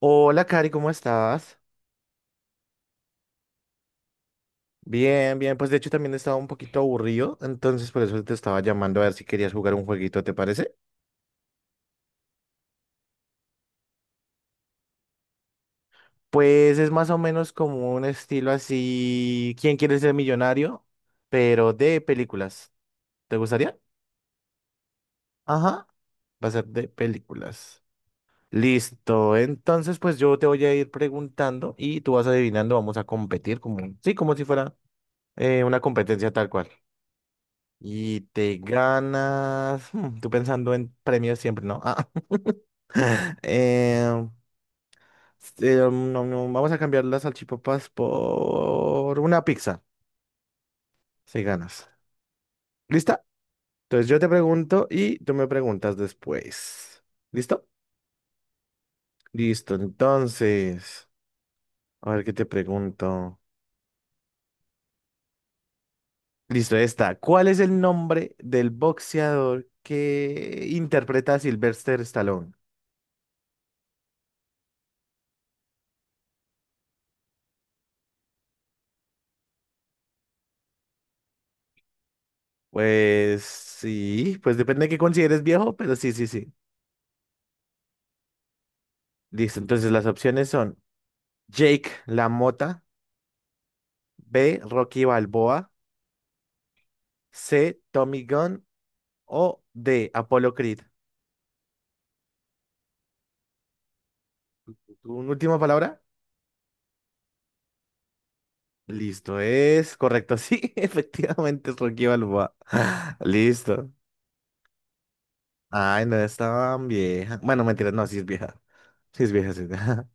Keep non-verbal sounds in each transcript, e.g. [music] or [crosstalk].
Hola, Cari, ¿cómo estás? Bien, bien, pues de hecho también estaba un poquito aburrido, entonces por eso te estaba llamando a ver si querías jugar un jueguito, ¿te parece? Pues es más o menos como un estilo así, ¿quién quiere ser millonario? Pero de películas. ¿Te gustaría? Ajá, va a ser de películas. Listo, entonces pues yo te voy a ir preguntando y tú vas adivinando, vamos a competir como, sí, como si fuera una competencia tal cual. Y te ganas. Tú pensando en premios siempre, ¿no? Ah, [laughs] eh, no, no, vamos a cambiar las salchipapas por una pizza. Si ganas. ¿Lista? Entonces yo te pregunto y tú me preguntas después. ¿Listo? Listo. Entonces, a ver qué te pregunto. Listo, esta. ¿Cuál es el nombre del boxeador que interpreta a Sylvester Stallone? Pues sí, pues depende de qué consideres viejo, pero sí, sí, sí. Listo, entonces las opciones son Jake La Mota, B. Rocky Balboa, C. Tommy Gunn o D. Apollo Creed. ¿Tu última palabra? Listo, es correcto. Sí, [laughs] efectivamente es Rocky Balboa. [laughs] Listo. Ay, no es tan vieja. Bueno, mentira, no, sí es vieja. Sí es vieja, sí es vieja.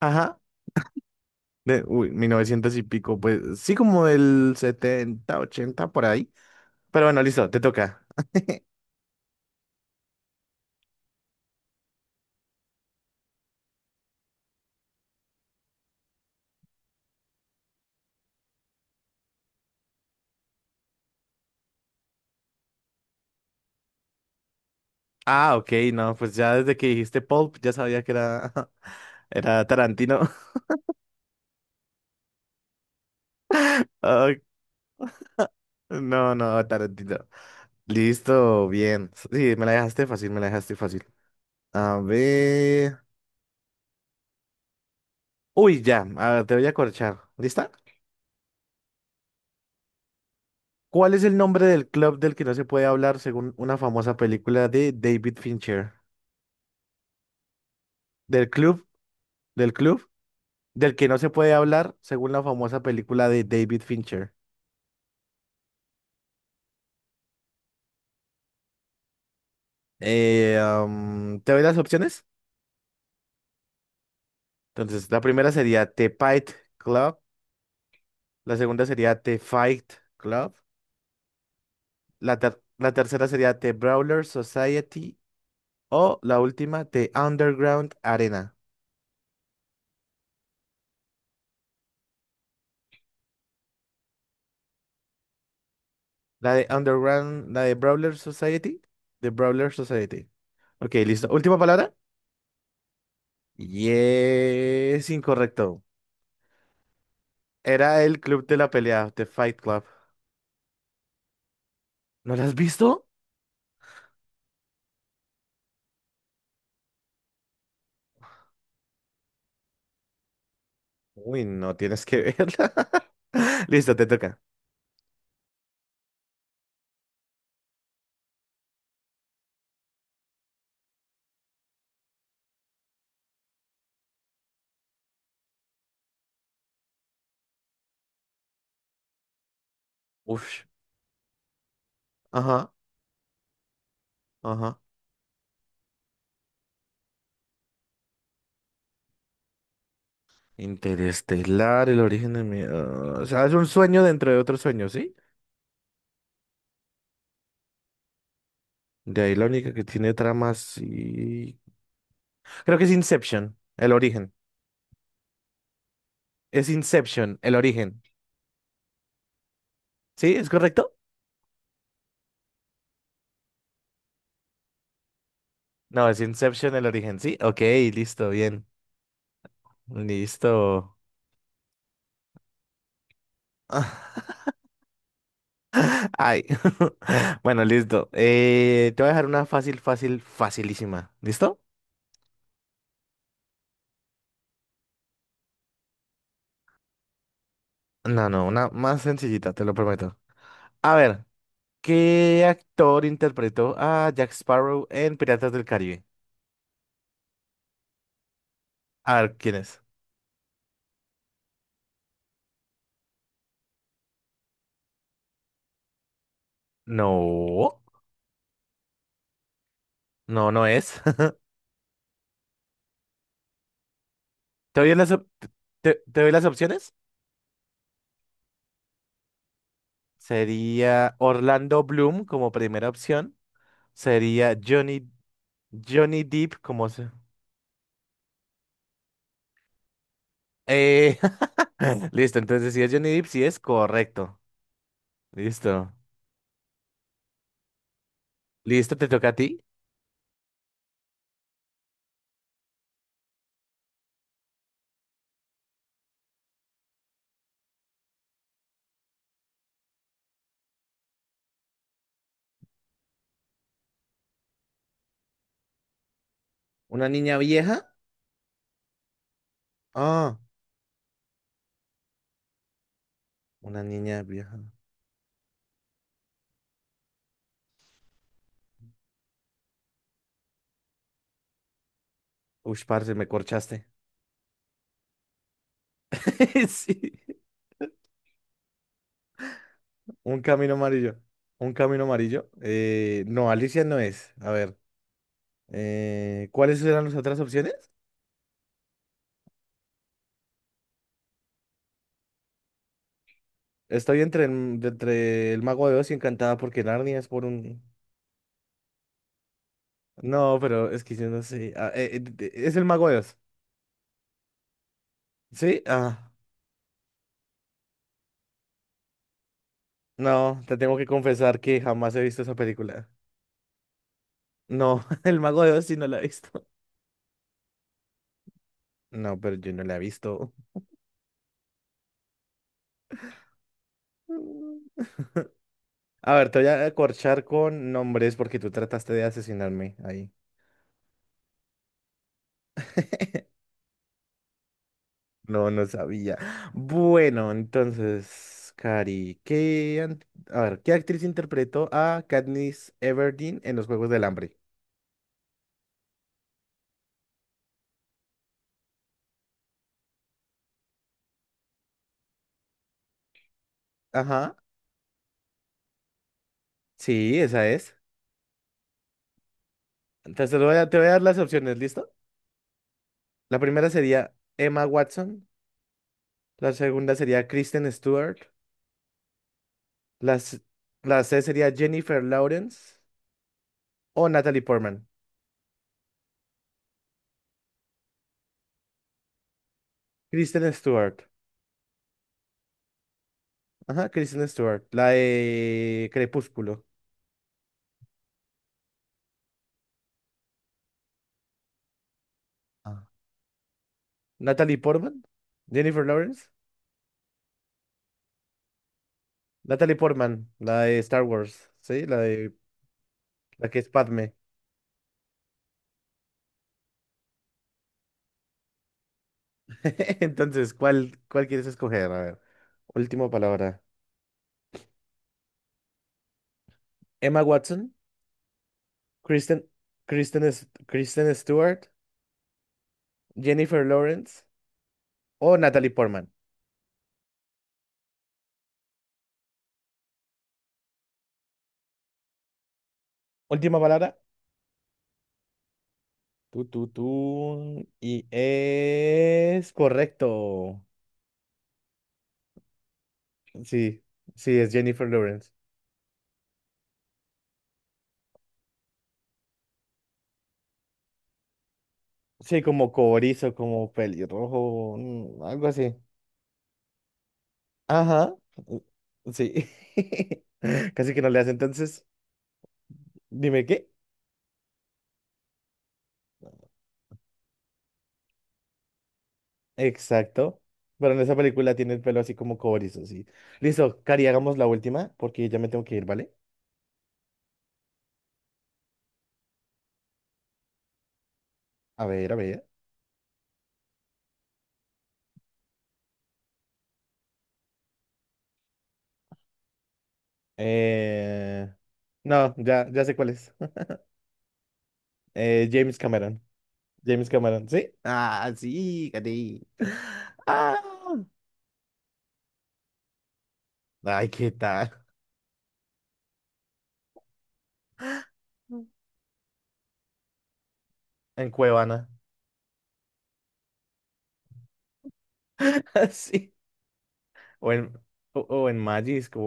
[laughs] Ajá. De, uy, 1900 y pico, pues sí, como el 70, 80 por ahí. Pero bueno, listo, te toca. [laughs] Ah, ok, no, pues ya desde que dijiste Pulp ya sabía que era, [laughs] era Tarantino. [laughs] Ay, no, no, Tarantino. Listo, bien. Sí, me la dejaste fácil, me la dejaste fácil. A ver. Uy, ya, a ver, te voy a corchar. ¿Lista? ¿Cuál es el nombre del club del que no se puede hablar según una famosa película de David Fincher? Del club, del club, del que no se puede hablar según la famosa película de David Fincher. ¿Te doy las opciones? Entonces, la primera sería The Fight Club, la segunda sería The Fight Club, la tercera sería The Brawler Society o la última, The Underground Arena. La de Underground, la de Brawler Society, The Brawler Society. Ok, listo. Última palabra. Y es incorrecto. Era el club de la pelea, The Fight Club. ¿No la has visto? Uy, no tienes que verla. [laughs] Listo, te toca. Uf. Ajá, ajá. Interestelar, el origen de mi... ah, o sea, es un sueño dentro de otro sueño, ¿sí? De ahí la única que tiene tramas y... Creo que es Inception, el origen. Es Inception, el origen. ¿Sí? ¿Es correcto? No, es Inception, el origen, ¿sí? Ok, listo, bien. Listo. [laughs] Ay. [laughs] Bueno, listo. Te voy a dejar una fácil, fácil, facilísima. ¿Listo? No, no, una más sencillita, te lo prometo. A ver. ¿Qué actor interpretó a Jack Sparrow en Piratas del Caribe? A ver, ¿quién es? No, no, no es. [laughs] ¿Te doy las, op- te, te doy las opciones? Sería Orlando Bloom como primera opción. Sería Johnny, Johnny Depp como... se- Eh, [laughs] listo, entonces si es Johnny Depp, sí es correcto. Listo. Listo, te toca a ti. ¿Una niña vieja? Ah, una niña vieja. Uy, parce, me corchaste. [laughs] Sí. Un camino amarillo. Un camino amarillo. No, Alicia no es. A ver, ¿cuáles eran las otras opciones? Estoy entre el Mago de Oz y Encantada porque Narnia es por un... No, pero es que yo no sé. Es el Mago de Oz. ¿Sí? Ah, no, te tengo que confesar que jamás he visto esa película. No, [laughs] el Mago de Oz sí no la he visto. No, pero yo no la he visto. Mm. A ver, te voy a corchar con nombres porque tú trataste de asesinarme ahí. [laughs] No, no sabía. Bueno, entonces, Cari, a ver, ¿qué actriz interpretó a Katniss Everdeen en los Juegos del Hambre? Ajá, sí, esa es. Entonces te voy a dar las opciones, ¿listo? La primera sería Emma Watson, la segunda sería Kristen Stewart, la, s- la C sería Jennifer Lawrence o Natalie Portman. Kristen Stewart, ajá, Kristen Stewart, la de Crepúsculo. Ah. Natalie Portman, Jennifer Lawrence. Natalie Portman, la de Star Wars, ¿sí? La que es Padme. [laughs] Entonces, ¿cuál quieres escoger? A ver, última palabra. Emma Watson, Kristen, Kristen Stewart, Jennifer Lawrence o Natalie Portman. Última palabra. Tú, tú, tú. Y es correcto. Sí, sí, es Jennifer Lawrence. Sí, como cobrizo, como pelirrojo, algo así. Ajá. Sí. [laughs] Casi que no le hace. Entonces, dime qué. Exacto. Pero en esa película tiene el pelo así como cobrizo, sí. Listo, Cari, hagamos la última porque ya me tengo que ir, ¿vale? A ver, a ver. Eh... No, ya sé cuál es. [laughs] James Cameron. James Cameron, ¿sí? Ah, sí, Cari. Ah. Ay, ¿qué tal? En Cuevana. [laughs] Sí. O en, o en Magis, o,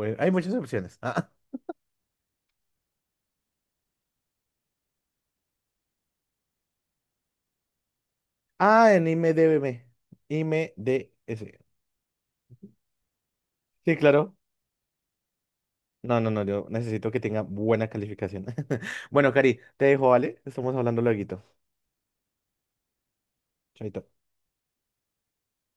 o en- hay muchas opciones. [laughs] Ah, en IMDb. IMDS. Sí, claro. No, no, no, yo necesito que tenga buena calificación. [laughs] Bueno, Cari, te dejo, ¿vale? Estamos hablando lueguito. Chaito.